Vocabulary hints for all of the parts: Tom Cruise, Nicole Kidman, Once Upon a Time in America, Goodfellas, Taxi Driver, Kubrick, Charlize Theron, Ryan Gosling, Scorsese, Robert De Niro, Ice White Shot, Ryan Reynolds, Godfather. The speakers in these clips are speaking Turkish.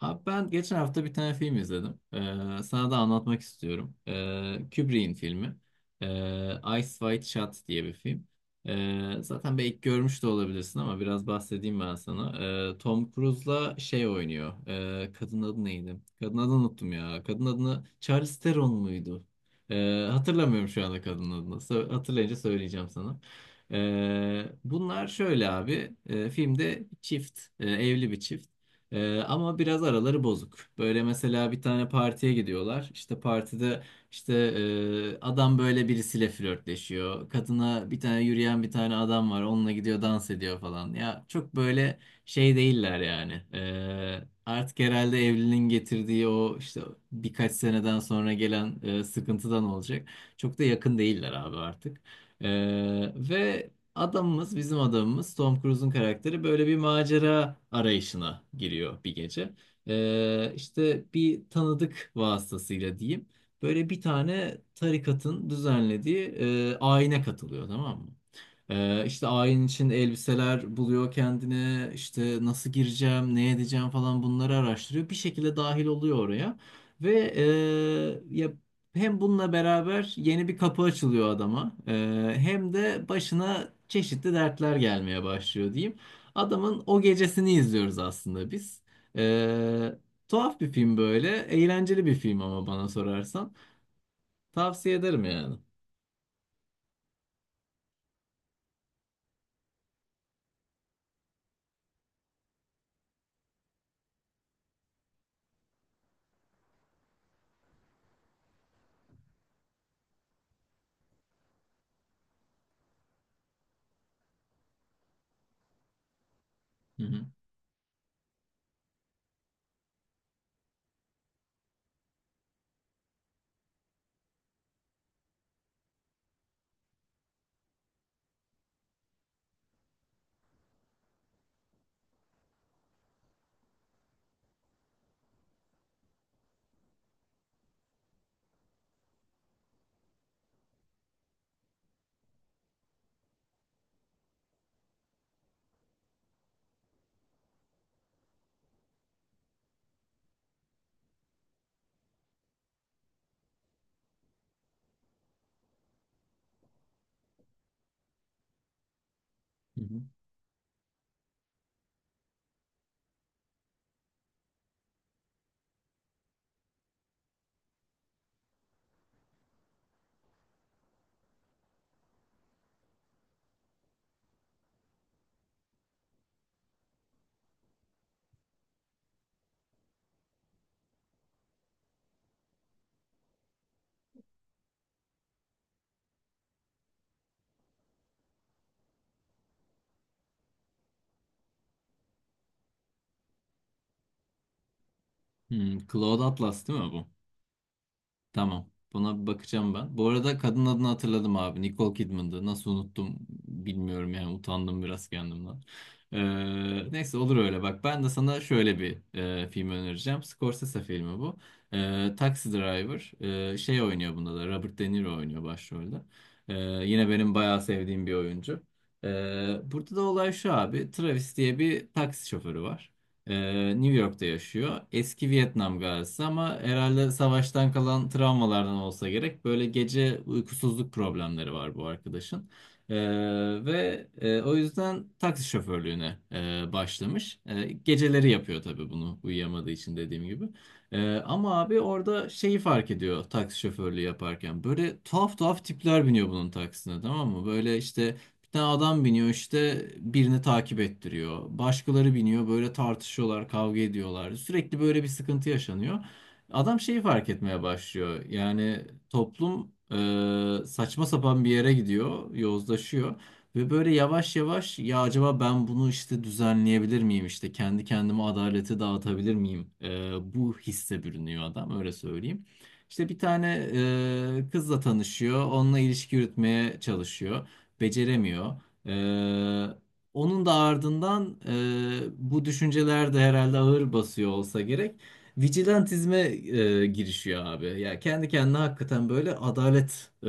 Abi ben geçen hafta bir tane film izledim. Sana da anlatmak istiyorum. Kubrick'in filmi. Ice White Shot diye bir film. Zaten belki görmüş de olabilirsin ama biraz bahsedeyim ben sana. Tom Cruise'la şey oynuyor. Kadın adı neydi? Kadın adını unuttum ya. Kadın adını Charlize Theron muydu? Hatırlamıyorum şu anda kadın adını. Hatırlayınca söyleyeceğim sana. Bunlar şöyle abi. Filmde çift, evli bir çift. Ama biraz araları bozuk. Böyle mesela bir tane partiye gidiyorlar. İşte partide işte adam böyle birisiyle flörtleşiyor. Kadına bir tane yürüyen bir tane adam var. Onunla gidiyor, dans ediyor falan. Ya çok böyle şey değiller yani. Artık herhalde evliliğin getirdiği o işte birkaç seneden sonra gelen sıkıntıdan olacak. Çok da yakın değiller abi artık. Ee, ve Bizim adamımız Tom Cruise'un karakteri böyle bir macera arayışına giriyor bir gece. İşte bir tanıdık vasıtasıyla diyeyim. Böyle bir tane tarikatın düzenlediği ayine katılıyor, tamam mı? İşte ayin için elbiseler buluyor kendine. İşte nasıl gireceğim, ne edeceğim falan bunları araştırıyor. Bir şekilde dahil oluyor oraya. Ya hem bununla beraber yeni bir kapı açılıyor adama, hem de başına çeşitli dertler gelmeye başlıyor diyeyim. Adamın o gecesini izliyoruz aslında biz. Eee, Tuhaf bir film böyle, eğlenceli bir film ama bana sorarsan. Tavsiye ederim yani. Hı hı. Hı hı. Hmm, Cloud Atlas değil mi bu? Tamam. Buna bir bakacağım ben. Bu arada kadın adını hatırladım abi. Nicole Kidman'dı. Nasıl unuttum bilmiyorum yani. Utandım biraz kendimden. Neyse, olur öyle. Bak ben de sana şöyle bir film önereceğim. Scorsese filmi bu. Taxi Driver. Şey oynuyor bunda da. Robert De Niro oynuyor başrolde. Ee, Yine benim bayağı sevdiğim bir oyuncu. Burada da olay şu abi. Travis diye bir taksi şoförü var. New York'ta yaşıyor. Eski Vietnam gazisi ama herhalde savaştan kalan travmalardan olsa gerek. Böyle gece uykusuzluk problemleri var bu arkadaşın. Ee, O yüzden taksi şoförlüğüne başlamış. E, geceleri yapıyor tabii bunu uyuyamadığı için dediğim gibi. E, ama abi orada şeyi fark ediyor taksi şoförlüğü yaparken. Böyle tuhaf tuhaf tipler biniyor bunun taksisine, tamam mı? Böyle işte bir tane adam biniyor, işte birini takip ettiriyor. Başkaları biniyor böyle, tartışıyorlar, kavga ediyorlar. Sürekli böyle bir sıkıntı yaşanıyor. Adam şeyi fark etmeye başlıyor. Yani toplum saçma sapan bir yere gidiyor, yozlaşıyor. Ve böyle yavaş yavaş ya acaba ben bunu işte düzenleyebilir miyim, işte kendi kendime adaleti dağıtabilir miyim? Bu hisse bürünüyor adam, öyle söyleyeyim. İşte bir tane kızla tanışıyor, onunla ilişki yürütmeye çalışıyor, beceremiyor. Ee, Onun da ardından bu düşünceler de herhalde ağır basıyor olsa gerek. Vigilantizme girişiyor abi. Ya kendi kendine hakikaten böyle adalet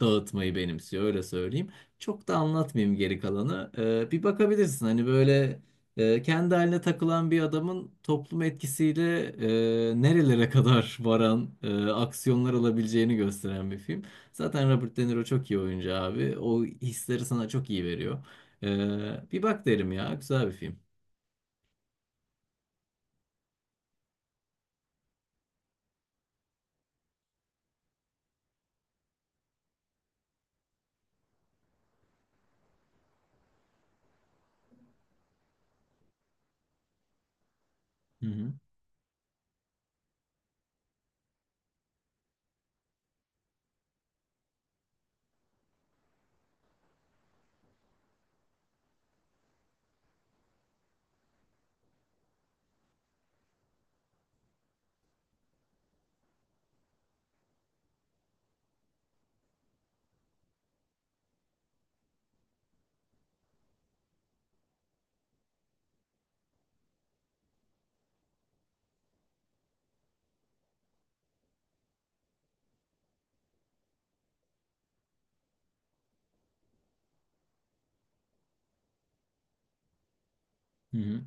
dağıtmayı benimsiyor, öyle söyleyeyim. Çok da anlatmayayım geri kalanı. E, bir bakabilirsin hani böyle kendi haline takılan bir adamın toplum etkisiyle nerelere kadar varan aksiyonlar alabileceğini gösteren bir film. Zaten Robert De Niro çok iyi oyuncu abi. O hisleri sana çok iyi veriyor. Bir bak derim ya. Güzel bir film. Hı hı. Hı hı.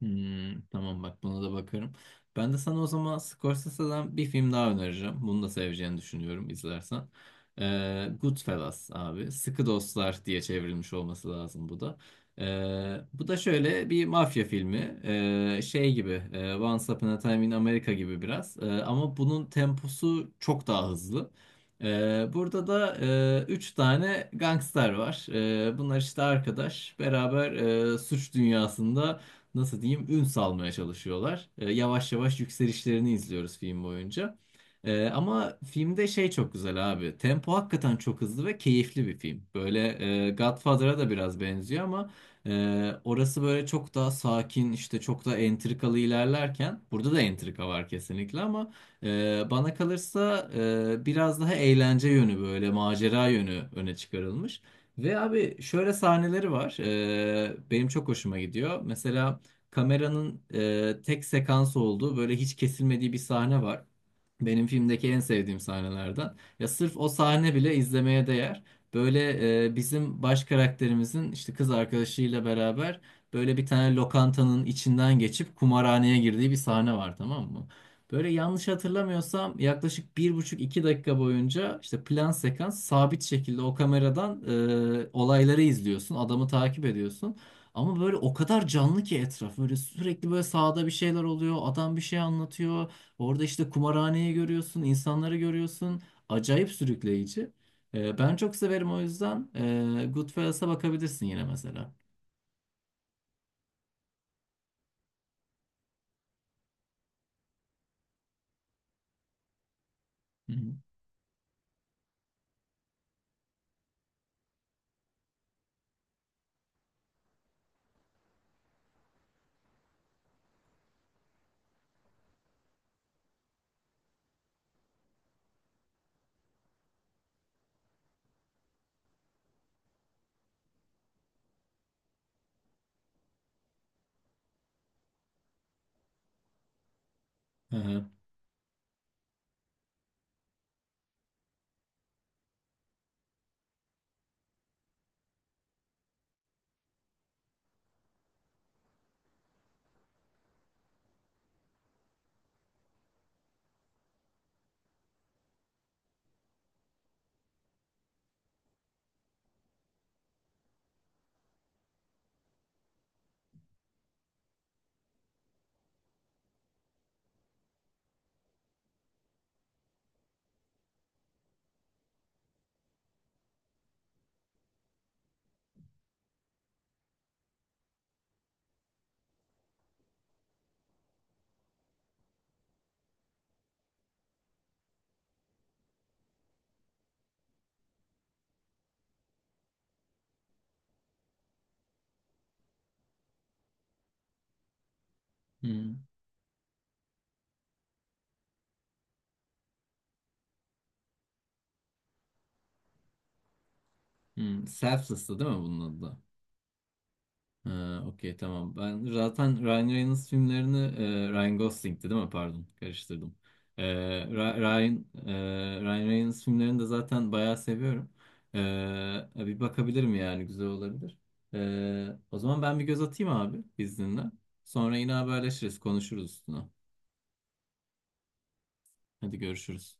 Hmm, tamam, bak buna da bakarım. Ben de sana o zaman Scorsese'den bir film daha önereceğim. Bunu da seveceğini düşünüyorum izlersen. Goodfellas abi. Sıkı Dostlar diye çevrilmiş olması lazım bu da. Bu da şöyle bir mafya filmi. Şey gibi, Once Upon a Time in America gibi biraz. Ama bunun temposu çok daha hızlı. Burada da üç tane gangster var. Bunlar işte arkadaş. Beraber suç dünyasında nasıl diyeyim ün salmaya çalışıyorlar. E, yavaş yavaş yükselişlerini izliyoruz film boyunca. E, ama filmde şey çok güzel abi. Tempo hakikaten çok hızlı ve keyifli bir film. Böyle Godfather'a da biraz benziyor ama orası böyle çok daha sakin, işte çok da entrikalı ilerlerken burada da entrika var kesinlikle ama bana kalırsa biraz daha eğlence yönü, böyle macera yönü öne çıkarılmış. Ve abi şöyle sahneleri var. Benim çok hoşuma gidiyor. Mesela kameranın tek sekans olduğu, böyle hiç kesilmediği bir sahne var. Benim filmdeki en sevdiğim sahnelerden. Ya sırf o sahne bile izlemeye değer. Böyle bizim baş karakterimizin işte kız arkadaşıyla beraber böyle bir tane lokantanın içinden geçip kumarhaneye girdiği bir sahne var, tamam mı? Böyle yanlış hatırlamıyorsam yaklaşık bir buçuk iki dakika boyunca işte plan sekans sabit şekilde o kameradan olayları izliyorsun, adamı takip ediyorsun. Ama böyle o kadar canlı ki etraf. Böyle sürekli böyle sahada bir şeyler oluyor. Adam bir şey anlatıyor. Orada işte kumarhaneyi görüyorsun, insanları görüyorsun. Acayip sürükleyici. Ben çok severim o yüzden. Goodfellas'a bakabilirsin yine mesela. Hı hı. Hı hı. Hı hı. Selfless'tı değil mi bunun adı da? Ha, okey tamam. Ben zaten Ryan Reynolds filmlerini Ryan Gosling'ti değil mi? Pardon, karıştırdım. E, Ryan Reynolds filmlerini de zaten bayağı seviyorum. E, Bir bakabilirim yani, güzel olabilir. E, o zaman ben bir göz atayım abi izninle. Sonra yine haberleşiriz, konuşuruz üstüne. Hadi görüşürüz.